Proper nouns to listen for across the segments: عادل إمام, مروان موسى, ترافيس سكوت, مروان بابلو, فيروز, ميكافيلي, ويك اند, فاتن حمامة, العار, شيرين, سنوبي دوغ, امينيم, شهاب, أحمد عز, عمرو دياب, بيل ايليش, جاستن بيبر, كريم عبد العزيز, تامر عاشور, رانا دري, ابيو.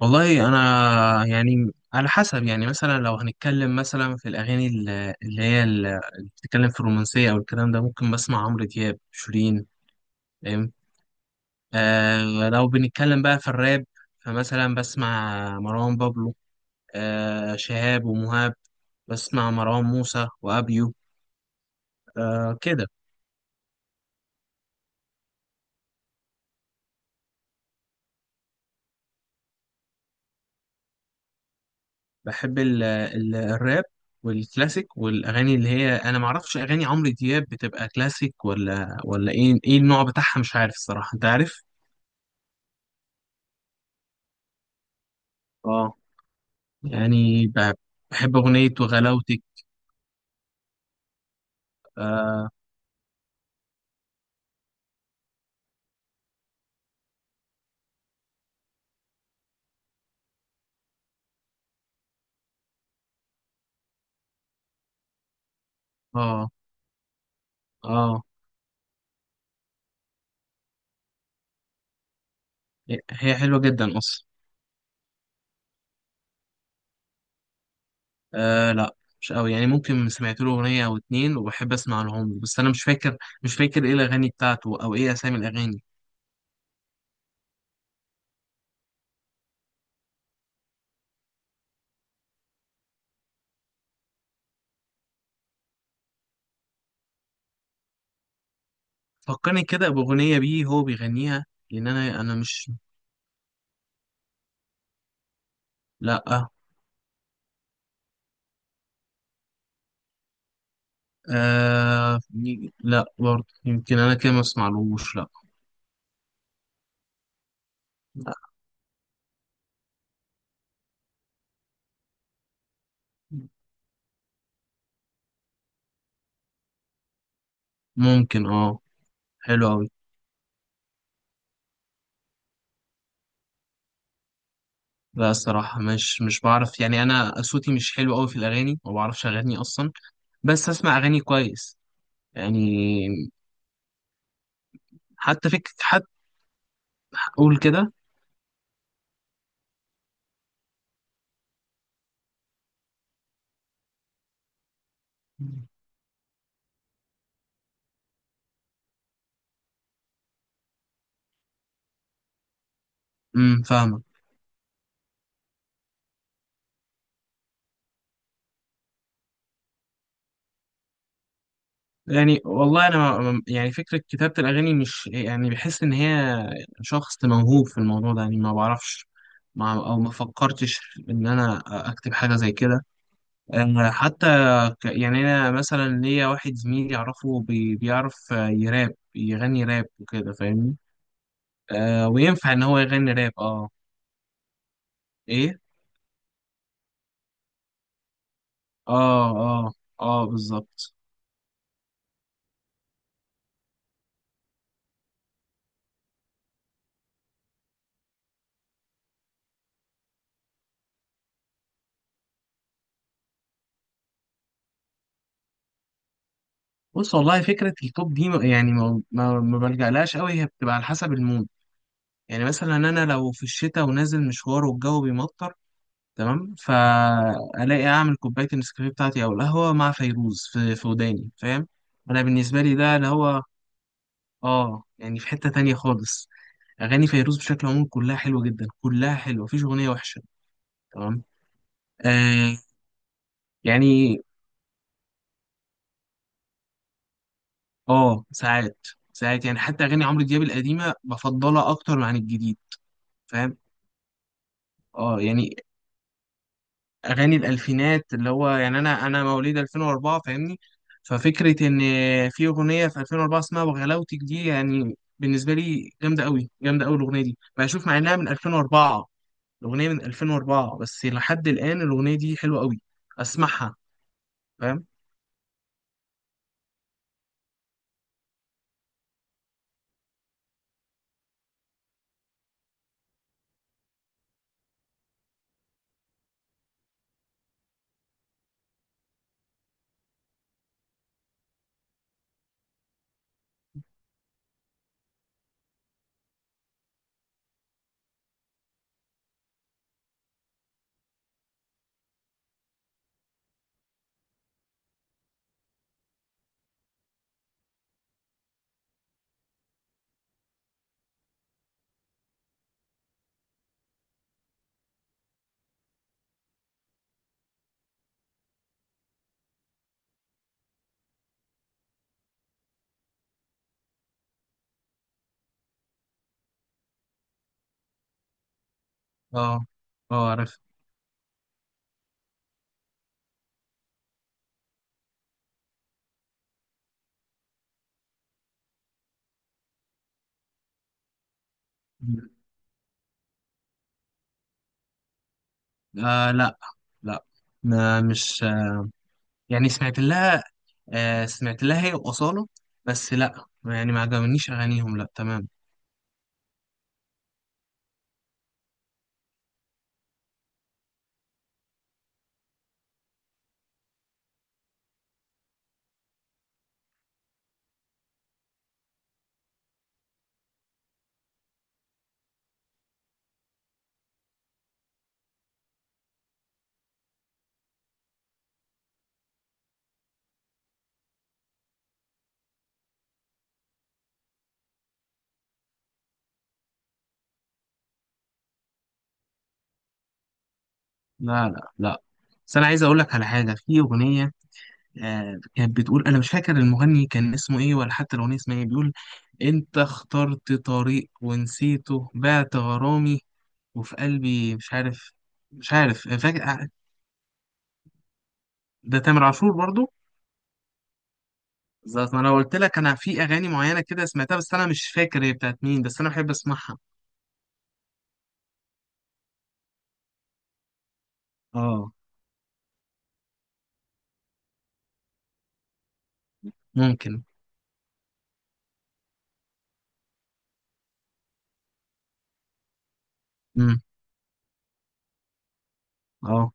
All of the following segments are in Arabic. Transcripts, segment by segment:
والله انا يعني على حسب. يعني مثلا لو هنتكلم مثلا في الاغاني اللي بتتكلم في الرومانسيه او الكلام ده، ممكن بسمع عمرو دياب، شيرين. فاهم؟ آه لو بنتكلم بقى في الراب، فمثلا بسمع مروان بابلو، آه شهاب ومهاب، بسمع مروان موسى وابيو. آه كده. بحب ال ال الراب والكلاسيك والاغاني اللي هي، انا ما اعرفش اغاني عمرو دياب بتبقى كلاسيك ولا ايه النوع بتاعها، مش عارف الصراحه، انت عارف. اه يعني بحب أغنية وغلاوتك. اه. اه. آه. هي حلوة جدا أصلا. آه لا مش قوي، يعني ممكن سمعت له أغنية أو اتنين وبحب أسمع لهم، بس أنا مش فاكر. مش فاكر إيه الأغاني بتاعته أو إيه أسامي الأغاني. فكرني كده بأغنية بيه هو بيغنيها، لأن أنا مش. لا. آه لا برضه، يمكن أنا كده ما أسمعلوش، لا. لا. ممكن اه. حلو أوي. لا الصراحة مش بعرف، يعني أنا صوتي مش حلو أوي في الأغاني، ما بعرفش أغني أصلا. بس أسمع أغاني كويس يعني. حتى فكرة، حتى أقول كده. فاهمة. يعني والله أنا يعني فكرة كتابة الأغاني، مش يعني بحس إن هي شخص موهوب في الموضوع ده، يعني ما بعرفش. ما أو ما فكرتش إن أنا أكتب حاجة زي كده. أنا حتى يعني أنا مثلا ليا واحد زميلي أعرفه بيعرف يراب، يغني راب وكده، فاهمني؟ آه وينفع ان هو يغني راب، اه. ايه. اه اه. اه بالظبط. بص، والله فكرة التوب دي يعني ما بلجألهاش قوي، هي بتبقى على حسب المود. يعني مثلا انا لو في الشتاء ونازل مشوار والجو بيمطر، تمام، فالاقي اعمل كوباية النسكافيه بتاعتي او القهوة، مع فيروز في في وداني، فاهم؟ انا بالنسبة لي ده اللي هو، اه يعني في حتة تانية خالص. اغاني فيروز بشكل عام كلها حلوة جدا، كلها حلوة، مفيش اغنية وحشة. تمام. آه. يعني اه ساعات، ساعات يعني حتى اغاني عمرو دياب القديمه بفضلها اكتر عن الجديد، فاهم؟ اه يعني اغاني الالفينات، اللي هو يعني انا مواليد 2004، فاهمني؟ ففكره ان في اغنيه في 2004 اسمها وغلاوتك دي، يعني بالنسبه لي جامده قوي، جامده قوي الاغنيه دي بشوف، مع انها من 2004. الاغنيه من 2004، بس لحد الان الاغنيه دي حلوه قوي، اسمعها. فاهم؟ اه. اه عارف. آه لا. لا. ما مش يعني سمعت لها. آه سمعت لها هي وأصالة، بس لا يعني ما عجبنيش أغانيهم، لا. تمام. لا لا لا، بس أنا عايز أقول لك على حاجة، في أغنية آه كانت بتقول، أنا مش فاكر المغني كان اسمه إيه ولا حتى الأغنية اسمها إيه، بيقول: أنت اخترت طريق ونسيته، بعت غرامي وفي قلبي، مش عارف، مش عارف، أنا فاكر. آه، ده تامر عاشور برضو. بالظبط، ما انا قلت لك انا في اغاني معينه كده سمعتها، بس انا مش فاكر هي بتاعت مين، بس انا بحب اسمعها. اه. ممكن. امم. اه.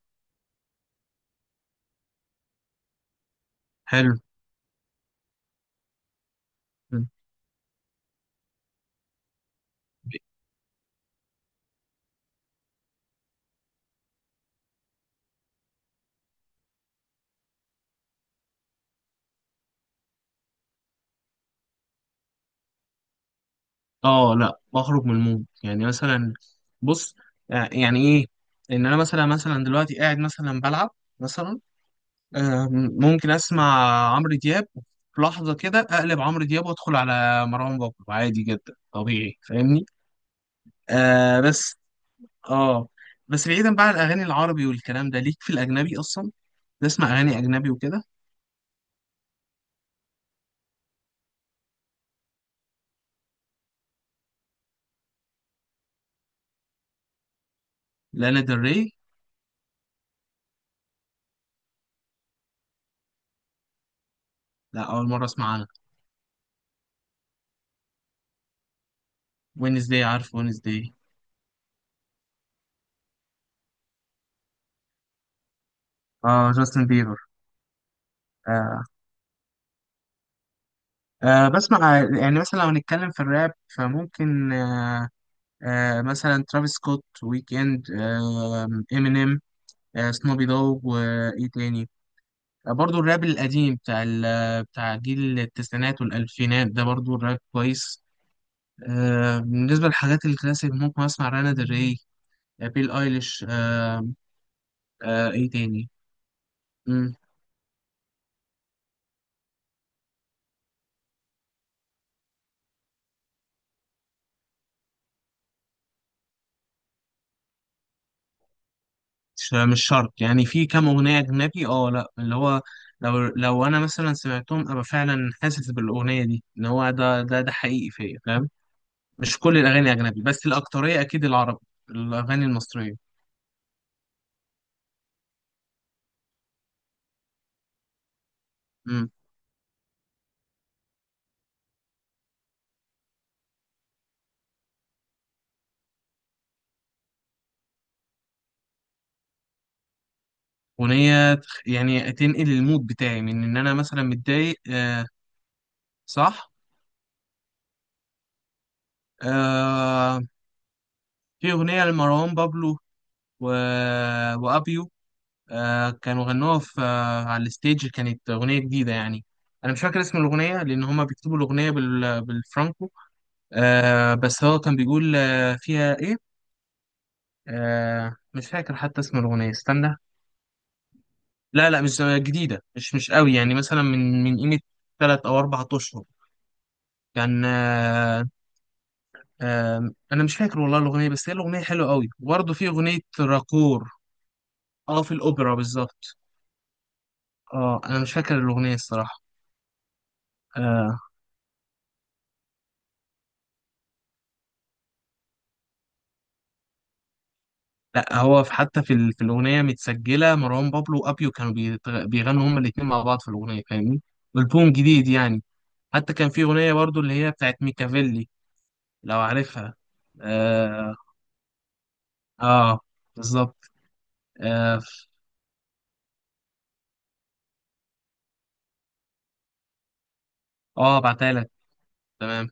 حلو. اه لا بخرج من المود. يعني مثلا بص، آه، يعني ايه ان انا مثلا، مثلا دلوقتي قاعد مثلا بلعب، مثلا آه، ممكن اسمع عمرو دياب، في لحظة كده اقلب عمرو دياب وادخل على مروان بابلو عادي جدا، طبيعي، فاهمني؟ آه. بس اه. بس بعيدا بقى عن الاغاني العربي والكلام ده، ليك في الاجنبي اصلا؟ تسمع اغاني اجنبي وكده؟ لانا ديل ري. لا اول مرة اسمع عنها. وينزداي؟ عارف وينزداي. اه جاستن بيبر. أه بسمع يعني مثلا لو هنتكلم في الراب فممكن أه، أه مثلا ترافيس سكوت، ويك اند، أه امينيم، أه سنوبي دوغ، وايه تاني، أه برضو الراب القديم بتاع بتاع جيل التسعينات والالفينات ده، برضو الراب كويس. أه بالنسبة للحاجات الكلاسيك ممكن اسمع رانا دري، آه، بيل ايليش، أه. أه ايه تاني. مش شرط، يعني في كام أغنية أجنبي اه، لأ اللي هو لو لو أنا مثلا سمعتهم، أبقى فعلا حاسس بالأغنية دي إن هو ده حقيقي فيا، فاهم؟ مش كل الأغاني أجنبي، بس الأكترية أكيد العربي، الأغاني المصرية. امم. أغنية يعني تنقل المود بتاعي من إن أنا مثلا متضايق، آه صح. آه في أغنية لمروان بابلو و... وأبيو، آه كانوا غنوها في آه على الستيج، كانت أغنية جديدة يعني. أنا مش فاكر اسم الأغنية لأن هما بيكتبوا الأغنية بالفرانكو. آه بس هو كان بيقول آه فيها إيه، آه مش فاكر حتى اسم الأغنية، استنى. لا لا مش جديدة، مش مش قوي يعني، مثلا من من قيمة تلات أو أربع أشهر كان آه. آه أنا مش فاكر والله الأغنية، بس هي الأغنية حلوة قوي. وبرضه في أغنية راكور، أه في الأوبرا بالظبط. أه أنا مش فاكر الأغنية الصراحة. آه، لا هو في، حتى في الاغنيه متسجله مروان بابلو وابيو، كانوا بيغنوا هما الاثنين مع بعض في الاغنيه، فاهمني؟ البوم جديد يعني. حتى كان في اغنيه برضو اللي هي بتاعت ميكافيلي، لو عارفها. اه، آه بالظبط. اه، آه بعتها لك. تمام.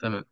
تمام.